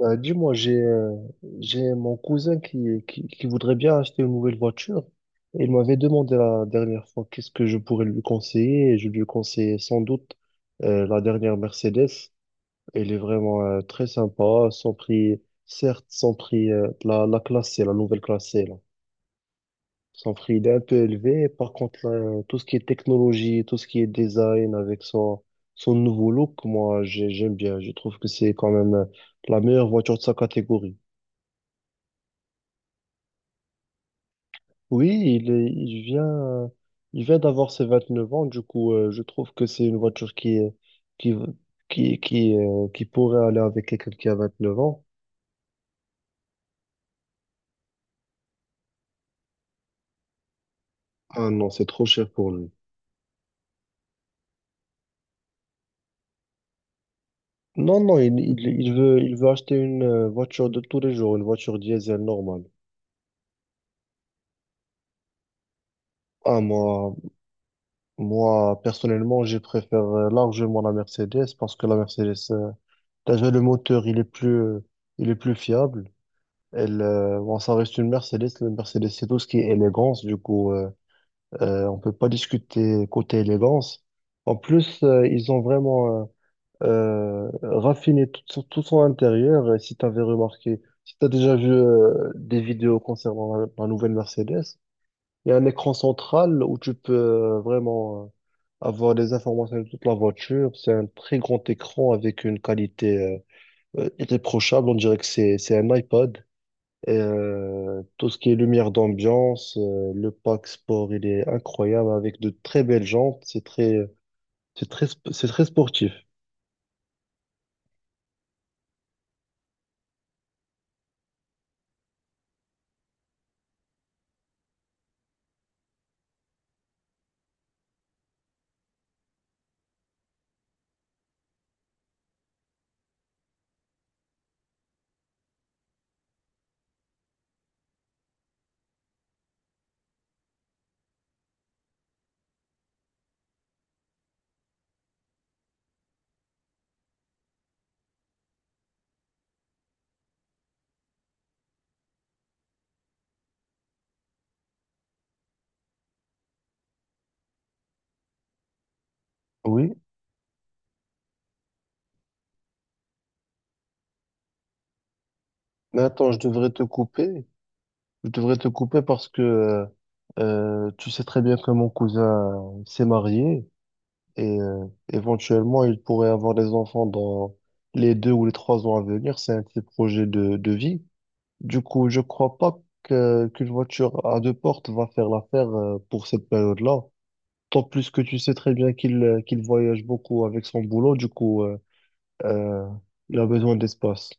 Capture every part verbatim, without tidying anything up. Euh, dis-moi, j'ai euh, j'ai mon cousin qui, qui, qui voudrait bien acheter une nouvelle voiture. Et il m'avait demandé la dernière fois qu'est-ce que je pourrais lui conseiller. Et je lui conseillais sans doute euh, la dernière Mercedes. Elle est vraiment euh, très sympa. Son prix, certes, son prix, euh, la, la classe C, la nouvelle classe C, là. Son prix, il est un peu élevé. Par contre, là, tout ce qui est technologie, tout ce qui est design avec son, son nouveau look, moi, j'ai- j'aime bien. Je trouve que c'est quand même euh, la meilleure voiture de sa catégorie. Oui, il est- il vient, il vient d'avoir ses vingt-neuf ans, du coup, euh, je trouve que c'est une voiture qui, est- qui, qui, qui, euh, qui pourrait aller avec quelqu'un qui a vingt-neuf ans. Ah non, c'est trop cher pour lui. Non, non, il, il, il veut, il veut acheter une euh, voiture de tous les jours, une voiture diesel normale. Ah, moi, moi, personnellement, je préfère euh, largement la Mercedes parce que la Mercedes, euh, déjà le moteur, il est plus, euh, il est plus fiable. Elle, euh, bon, ça reste une Mercedes. Le Mercedes, c'est tout ce qui est élégance. Du coup, euh, euh, on peut pas discuter côté élégance. En plus, euh, ils ont vraiment euh, euh, raffiné tout, son tout son intérieur. Et si tu avais remarqué, si tu as déjà vu euh, des vidéos concernant la, la nouvelle Mercedes, il y a un écran central où tu peux euh, vraiment euh, avoir des informations de toute la voiture. C'est un très grand écran avec une qualité euh, euh, irréprochable. On dirait que c'est c'est un iPod. Euh, tout ce qui est lumière d'ambiance, euh, le pack sport, il est incroyable avec de très belles jantes. C'est très, c'est très, sp- c'est très sportif. Oui. Mais attends, je devrais te couper. Je devrais te couper parce que euh, euh, tu sais très bien que mon cousin s'est marié et euh, éventuellement il pourrait avoir des enfants dans les deux ou les trois ans à venir. C'est un petit projet de, de vie. Du coup, je crois pas que, qu'une voiture à deux portes va faire l'affaire euh, pour cette période-là. Tant plus que tu sais très bien qu'il euh, qu'il voyage beaucoup avec son boulot, du coup, euh, euh, il a besoin d'espace.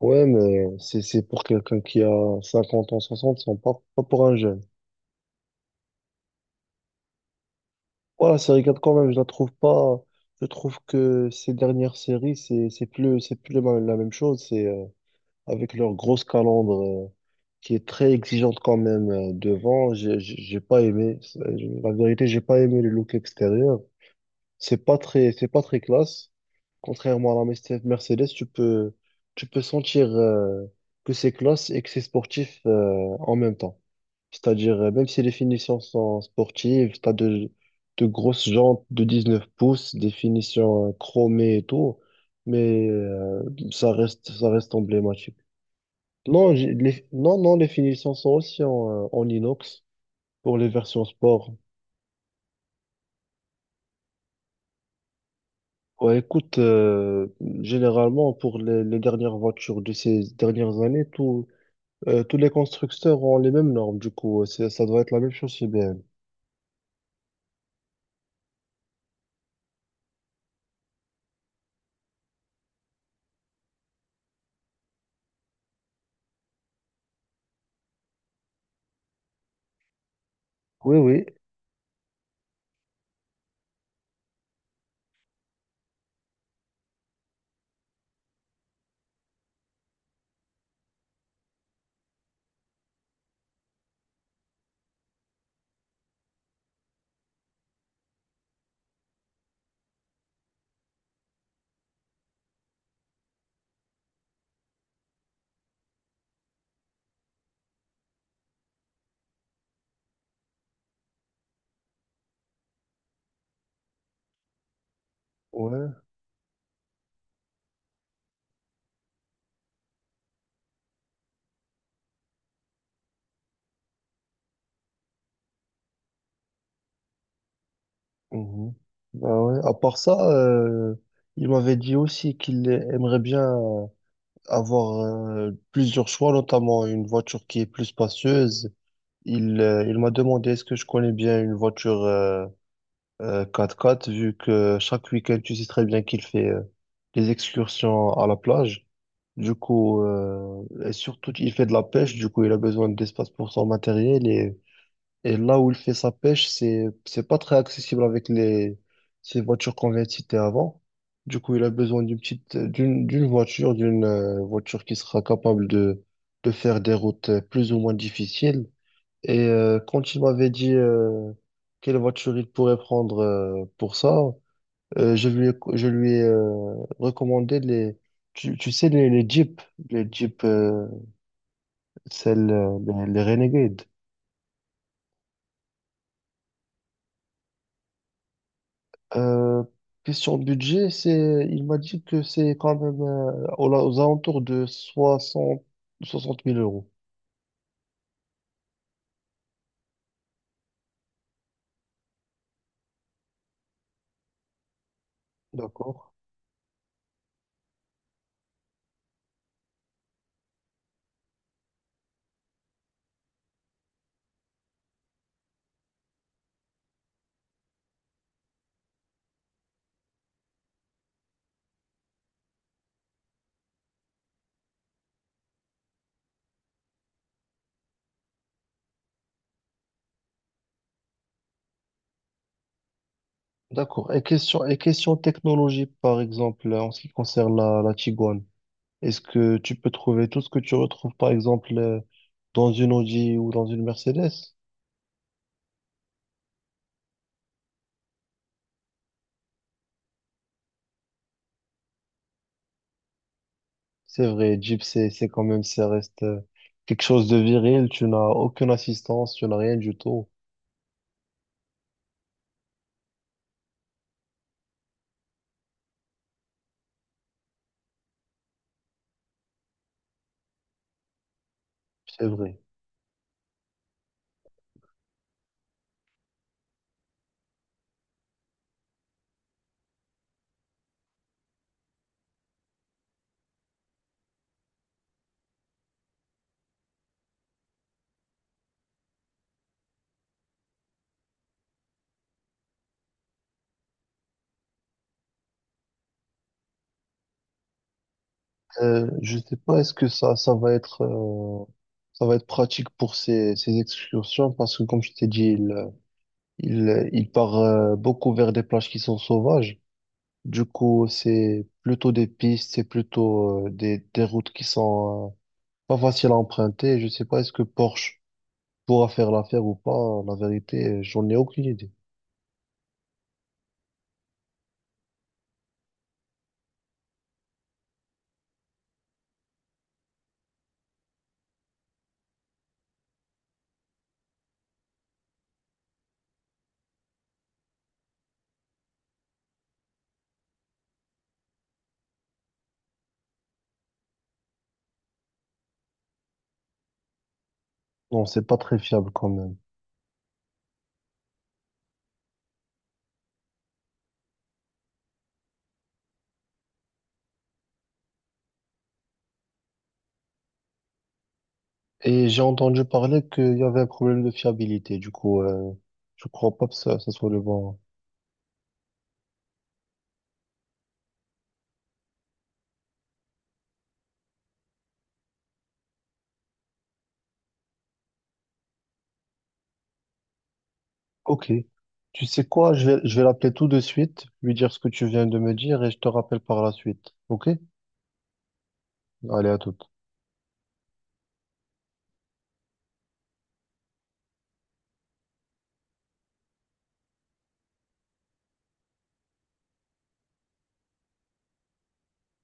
Ouais, mais c'est c'est pour quelqu'un qui a cinquante ans, soixante, c'est pas, pas pour un jeune. Voilà, série quatre quand même, je la trouve pas. Je trouve que ces dernières séries, c'est c'est plus c'est plus la la même chose. C'est euh, avec leur grosse calandre euh, qui est très exigeante quand même euh, devant. J'ai j'ai j'ai pas aimé. c'est- La vérité, j'ai pas aimé le look extérieur. C'est pas très c'est pas très classe. Contrairement à la Merce- Mercedes, tu peux, tu peux sentir euh, que c'est classe et que c'est sportif euh, en même temps. C'est-à-dire, euh, même si les finitions sont sportives, tu as de, de grosses jantes de dix-neuf pouces, des finitions euh, chromées et tout, mais euh, ça reste, ça reste emblématique. Non, j'ai- les, non, non, les finitions sont aussi en, euh, en inox pour les versions sport. Ouais, écoute, euh, généralement, pour les, les dernières voitures de ces dernières années, tout Euh, tous les constructeurs ont les mêmes normes, du coup, euh, c'est- ça doit être la même chose chez I B M. Oui, oui, ouais. Mhm. Bah ouais. À part ça, euh, il m'avait dit aussi qu'il aimerait bien avoir euh, plusieurs choix, notamment une voiture qui est plus spacieuse. Il, euh, il m'a demandé est-ce que je connais bien une voiture euh, euh, quatre quatre, vu que chaque week-end, tu sais très bien qu'il fait euh, des excursions à la plage. Du coup, euh, et surtout, il fait de la pêche, du coup, il a besoin d'espace pour son matériel. Et, et là où il fait sa pêche, c'est, c'est pas très accessible avec les, ces voitures qu'on vient de citer avant. Du coup, il a besoin d'une petite, d'une, d'une voiture, d'une euh, voiture qui sera capable de, de faire des routes euh, plus ou moins difficiles. Et euh, quand il m'avait dit euh, quelle voiture il pourrait prendre euh, pour ça, euh, je lui ai, je lui ai euh, recommandé les, tu, tu sais, les, les Jeeps, les Jeeps, euh, celles, euh, les, les Renegades. Euh, question budget, c'est, il m'a dit que c'est quand même euh, aux, aux alentours de soixante soixante mille euros. D'accord. D'accord. Et question, et question technologie, par exemple, en ce qui concerne la, la Tiguan, est-ce que tu peux trouver tout ce que tu retrouves, par exemple, euh, dans une Audi ou dans une Mercedes? C'est vrai, Jeep, c'est, c'est quand même, ça reste euh, quelque chose de viril. Tu n'as aucune assistance, tu n'as rien du tout. C'est vrai. Euh, je sais pas, est-ce que ça, ça va être, euh, ça va être pratique pour ces, ces excursions parce que, comme je t'ai dit, il, il, il part euh, beaucoup vers des plages qui sont sauvages. Du coup, c'est plutôt des pistes, c'est plutôt euh, des, des routes qui sont euh, pas faciles à emprunter. Je sais pas, est-ce que Porsche pourra faire l'affaire ou pas. La vérité, j'en ai aucune idée. Non, c'est pas très fiable quand même. Et j'ai entendu parler qu'il y avait un problème de fiabilité. Du coup, euh, je crois pas que ça, ça soit le bon. Ok. Tu sais quoi? Je vais, je vais l'appeler tout de suite, lui dire ce que tu viens de me dire et je te rappelle par la suite. Ok? Allez, à toute.